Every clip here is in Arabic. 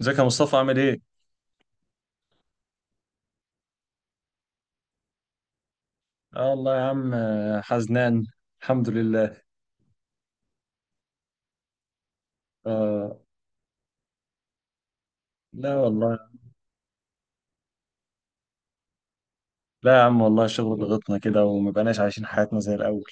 ازيك يا مصطفى؟ عامل ايه؟ اه والله يا عم، حزنان. الحمد لله. آه. لا والله. لا يا عم والله، الشغل ضغطنا كده وما بقناش عايشين حياتنا زي الاول.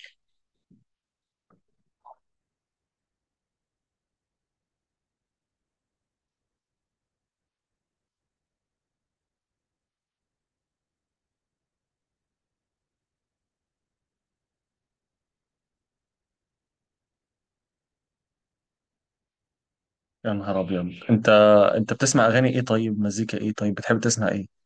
يا نهار ابيض انت! انت بتسمع اغاني ايه؟ طيب مزيكا ايه؟ طيب بتحب تسمع ايه؟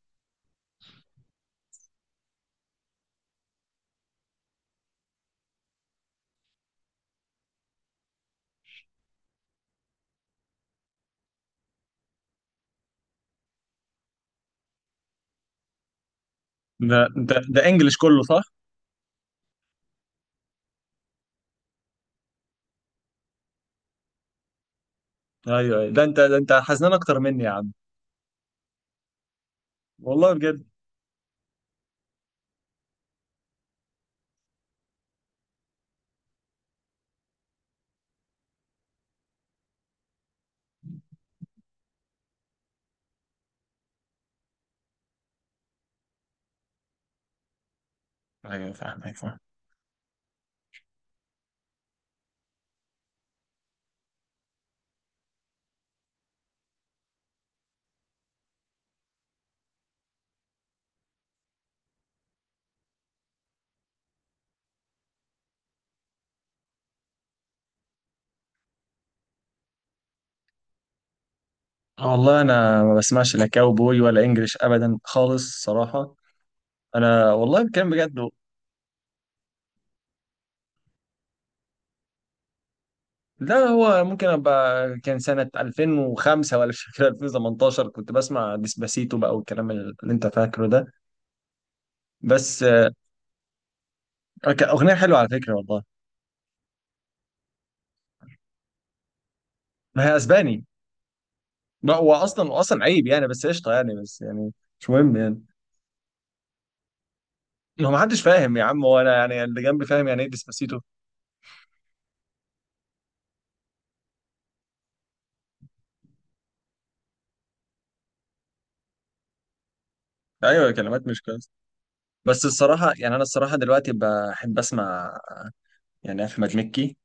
ده انجلش كله، صح؟ ايوه، أيوة. ده انت حزنان اكتر مني يا عم. والله بجد. ايوه فاهمك، فاهم. والله انا ما بسمعش لا كاوبوي ولا انجلش ابدا خالص، صراحة. انا والله كان بجد. لا هو ممكن ابقى كان سنة 2005 ولا مش فاكر 2018، كنت بسمع ديسباسيتو بقى والكلام اللي انت فاكره ده. بس. كان اغنية حلوة على فكرة والله. ما هي اسباني. ما هو اصلا، عيب يعني، بس قشطة يعني، بس يعني. مش مهم يعني. هو ما حدش فاهم يا عم. هو انا يعني اللي جنبي فاهم يعني ايه ديسباسيتو. ايوه، كلمات مش كويسة. بس الصراحة يعني انا الصراحة دلوقتي بحب اسمع، يعني احمد مكي.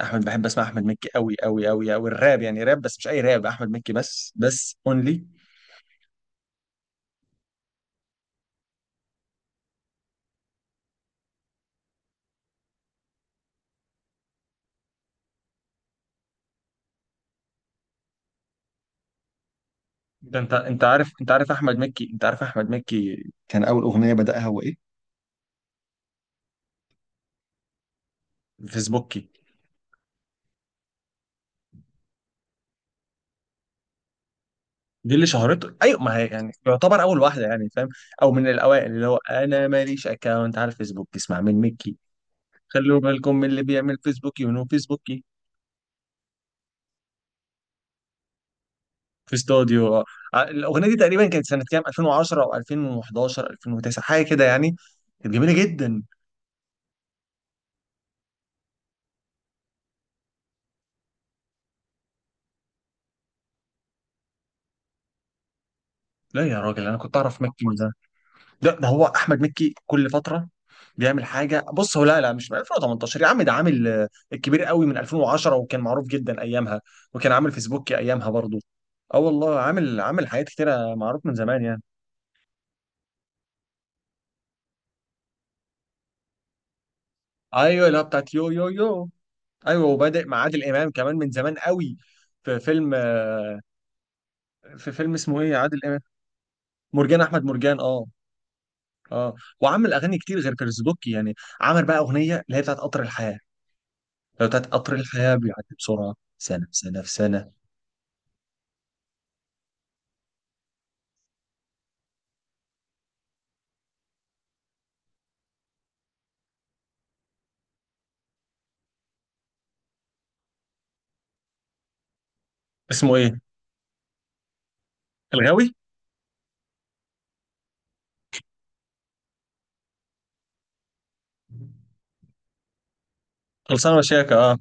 بحب اسمع احمد مكي قوي قوي قوي قوي، الراب يعني، راب بس مش اي راب، احمد مكي بس اونلي. ده انت عارف؟ انت عارف احمد مكي، انت عارف احمد مكي كان اول اغنيه بدأها هو ايه؟ فيسبوكي. دي اللي شهرته، ايوه، ما هي يعني يعتبر اول واحده يعني، فاهم. او من الاوائل. اللي هو انا ماليش اكاونت على الفيسبوك، اسمع من مكي. خلوا بالكم من اللي بيعمل فيسبوكي ونو فيسبوكي. في استوديو. الاغنيه دي تقريبا كانت سنه كام، 2010 او 2011، 2009، حاجه كده يعني. كانت جميله جدا. لا يا راجل انا كنت اعرف مكي. ده هو احمد مكي كل فتره بيعمل حاجه. بص هو لا لا مش من 2018 يا عم، ده عامل. الكبير قوي من 2010 وكان معروف جدا ايامها، وكان عامل فيسبوك ايامها برضو. اه والله عامل، حاجات كتيره، معروف من زمان يعني. ايوه، لا بتاعت يو يو يو. ايوه وبادئ مع عادل امام كمان من زمان قوي. في فيلم، في فيلم اسمه ايه عادل امام. مرجان احمد مرجان، اه. اه وعمل اغاني كتير غير فيسبوك يعني. عمل بقى اغنيه اللي هي بتاعت قطر الحياه. لو بتاعت قطر الحياه، بيعدي بسرعه، سنه في سنه في سنه. اسمه ايه؟ الغاوي. خلصانه وشياكه، اه.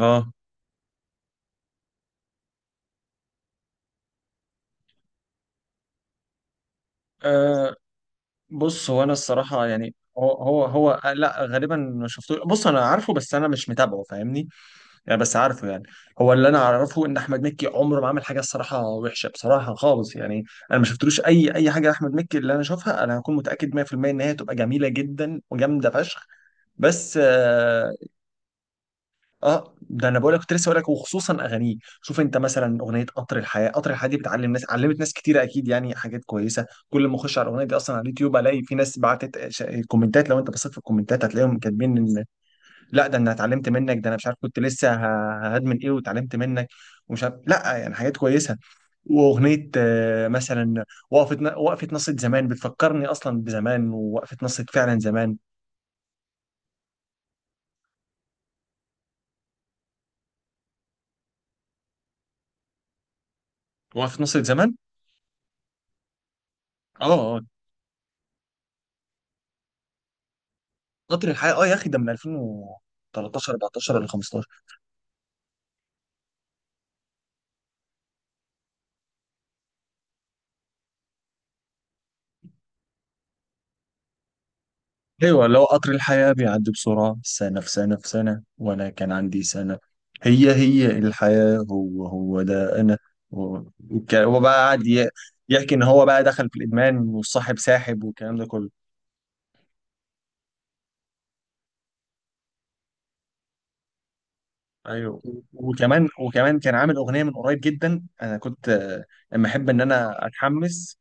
اه. آه، بص هو انا الصراحه يعني، هو ، لا غالبا ما شفتوش. بص انا عارفه، بس انا مش متابعه فاهمني؟ يعني بس عارفه يعني. هو اللي انا اعرفه ان احمد مكي عمره ما عمل حاجه، الصراحه وحشه، بصراحه خالص يعني. انا ما شفتلوش اي حاجه لاحمد مكي، اللي انا اشوفها انا هكون متاكد 100% ان هي تبقى جميله جدا وجامده فشخ. بس. اه ده انا بقول لك، كنت لسه بقول لك وخصوصا اغانيه. شوف انت مثلا اغنيه قطر الحياه، دي بتعلم ناس، علمت ناس كتير اكيد يعني، حاجات كويسه. كل ما اخش على الاغنيه دي اصلا على اليوتيوب الاقي في ناس بعتت ش- كومنتات. لو انت بصيت في الكومنتات هتلاقيهم كاتبين ان... لا ده انا اتعلمت منك، ده انا مش عارف كنت لسه هدمن ايه، واتعلمت منك. ومش عارف، لا يعني حاجات كويسه. واغنيه، مثلا وقفه نصة زمان بتفكرني اصلا بزمان. ووقفه نصة فعلا زمان. وقفه نصة زمان، اه. قطر الحياة، اه يا اخي ده من 2013، 14 ولا 15. ايوه اللي هو قطر الحياة، بيعدي بسرعة سنة في سنة في سنة، وانا كان عندي سنة. هي الحياة، هو ده انا. و- هو بقى قاعد يحكي ان هو بقى دخل في الادمان والصاحب ساحب والكلام ده كله. ايوه، و- وكمان كان عامل اغنية من قريب جدا. انا كنت. اما احب ان انا اتحمس.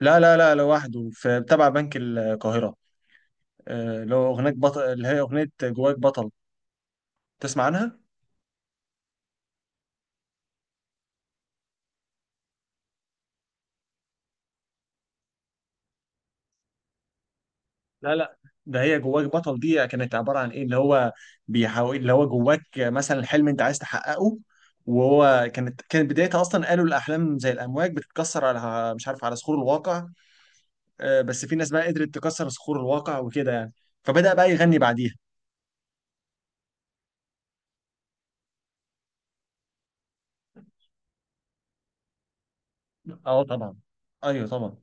لا لا لا، لوحده في تبع بنك القاهرة. اللي هو اغنية بطل، اللي هي اغنية جواك بطل. تسمع عنها؟ لا. لا ده هي جواك بطل دي كانت عبارة عن ايه، اللي هو بيحاول اللي هو جواك مثلا، الحلم انت عايز تحققه. وهو كانت بدايتها اصلا، قالوا الاحلام زي الامواج بتتكسر على، مش عارف، على صخور الواقع. بس في ناس بقى قدرت تكسر صخور الواقع وكده يعني. فبدأ بقى يغني بعديها. اه طبعا. ايوه طبعا.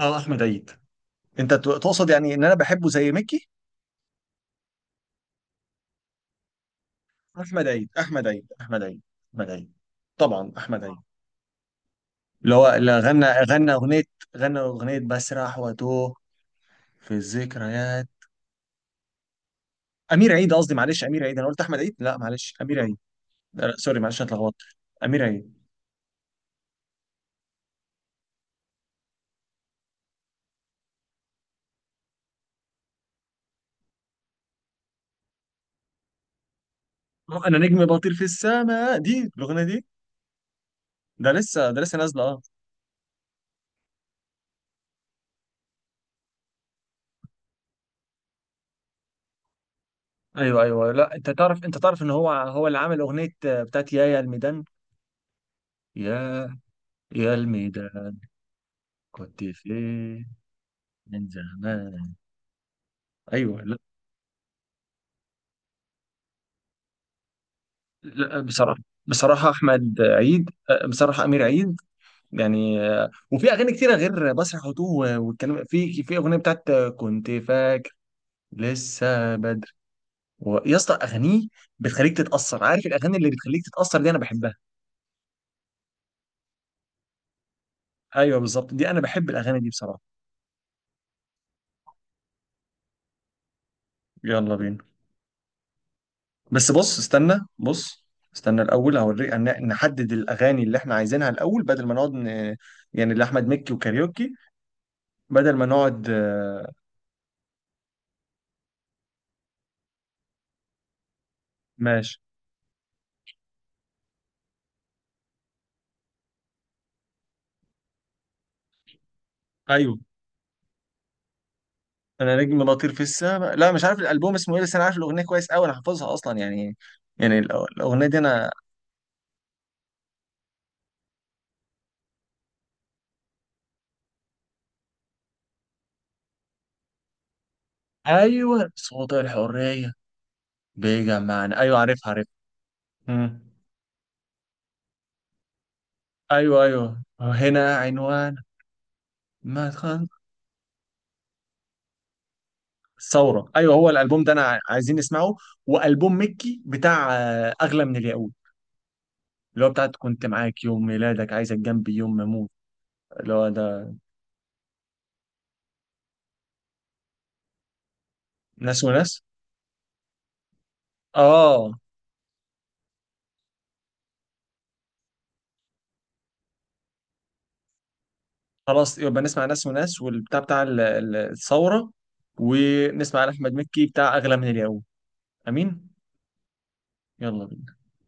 اه احمد عيد. انت تقصد يعني ان انا بحبه زي ميكي. احمد عيد، احمد عيد، احمد عيد، احمد عيد. احمد عيد. طبعا احمد عيد. اللي هو اللي غنى، غنى اغنيه، غنى اغنيه بسرح واتوه في الذكريات. امير عيد قصدي، معلش، امير عيد. انا قلت احمد عيد، لا معلش، امير عيد. لا لا، سوري معلش أنا اتلخبطت. امير عيد. انا نجم بطير في السماء، دي الاغنيه دي. ده لسه نازله، اه. ايوه، ايوه، لا انت تعرف، انت تعرف ان هو هو اللي عامل اغنيه بتاعت يا، الميدان. يا يا الميدان كنت فين من زمان؟ ايوه، لا, لا بصراحه، بصراحه احمد عيد، بصراحه امير عيد يعني، وفي اغاني كتيره غير مسرح وتوه، والكلام في اغنيه بتاعت، كنت فاكر لسه بدري. يا اسطى اغانيه بتخليك تتاثر، عارف الاغاني اللي بتخليك تتاثر دي انا بحبها. ايوه بالظبط، دي انا بحب الاغاني دي بصراحه. يلا بينا. بس بص، استنى بص، استنى الاول هوريك نحدد الاغاني اللي احنا عايزينها الاول، بدل ما نقعد ن... يعني لاحمد مكي وكاريوكي، بدل ما نقعد. ماشي. ايوه، انا نجم بطير في السماء. لا مش عارف الالبوم اسمه ايه، بس انا عارف الاغنيه كويس قوي، انا حافظها اصلا يعني. يعني الاغنيه دي انا. ايوه صوت الحريه. بيجمعنا، ايوه عارفها، عارفها. مم. ايوه ايوه، هنا عنوان مدخل الثوره. ايوه هو الالبوم ده انا عايزين نسمعه. والبوم مكي بتاع، اغلى من الياقوت، اللي هو بتاعت كنت معاك يوم ميلادك، عايزك جنبي يوم ما اموت. اللي هو ده. ناس وناس. اه. خلاص، يبقى نسمع ناس وناس والبتاع بتاع الثورة. ونسمع على أحمد مكي بتاع أغلى من اليوم. أمين. يلا بينا.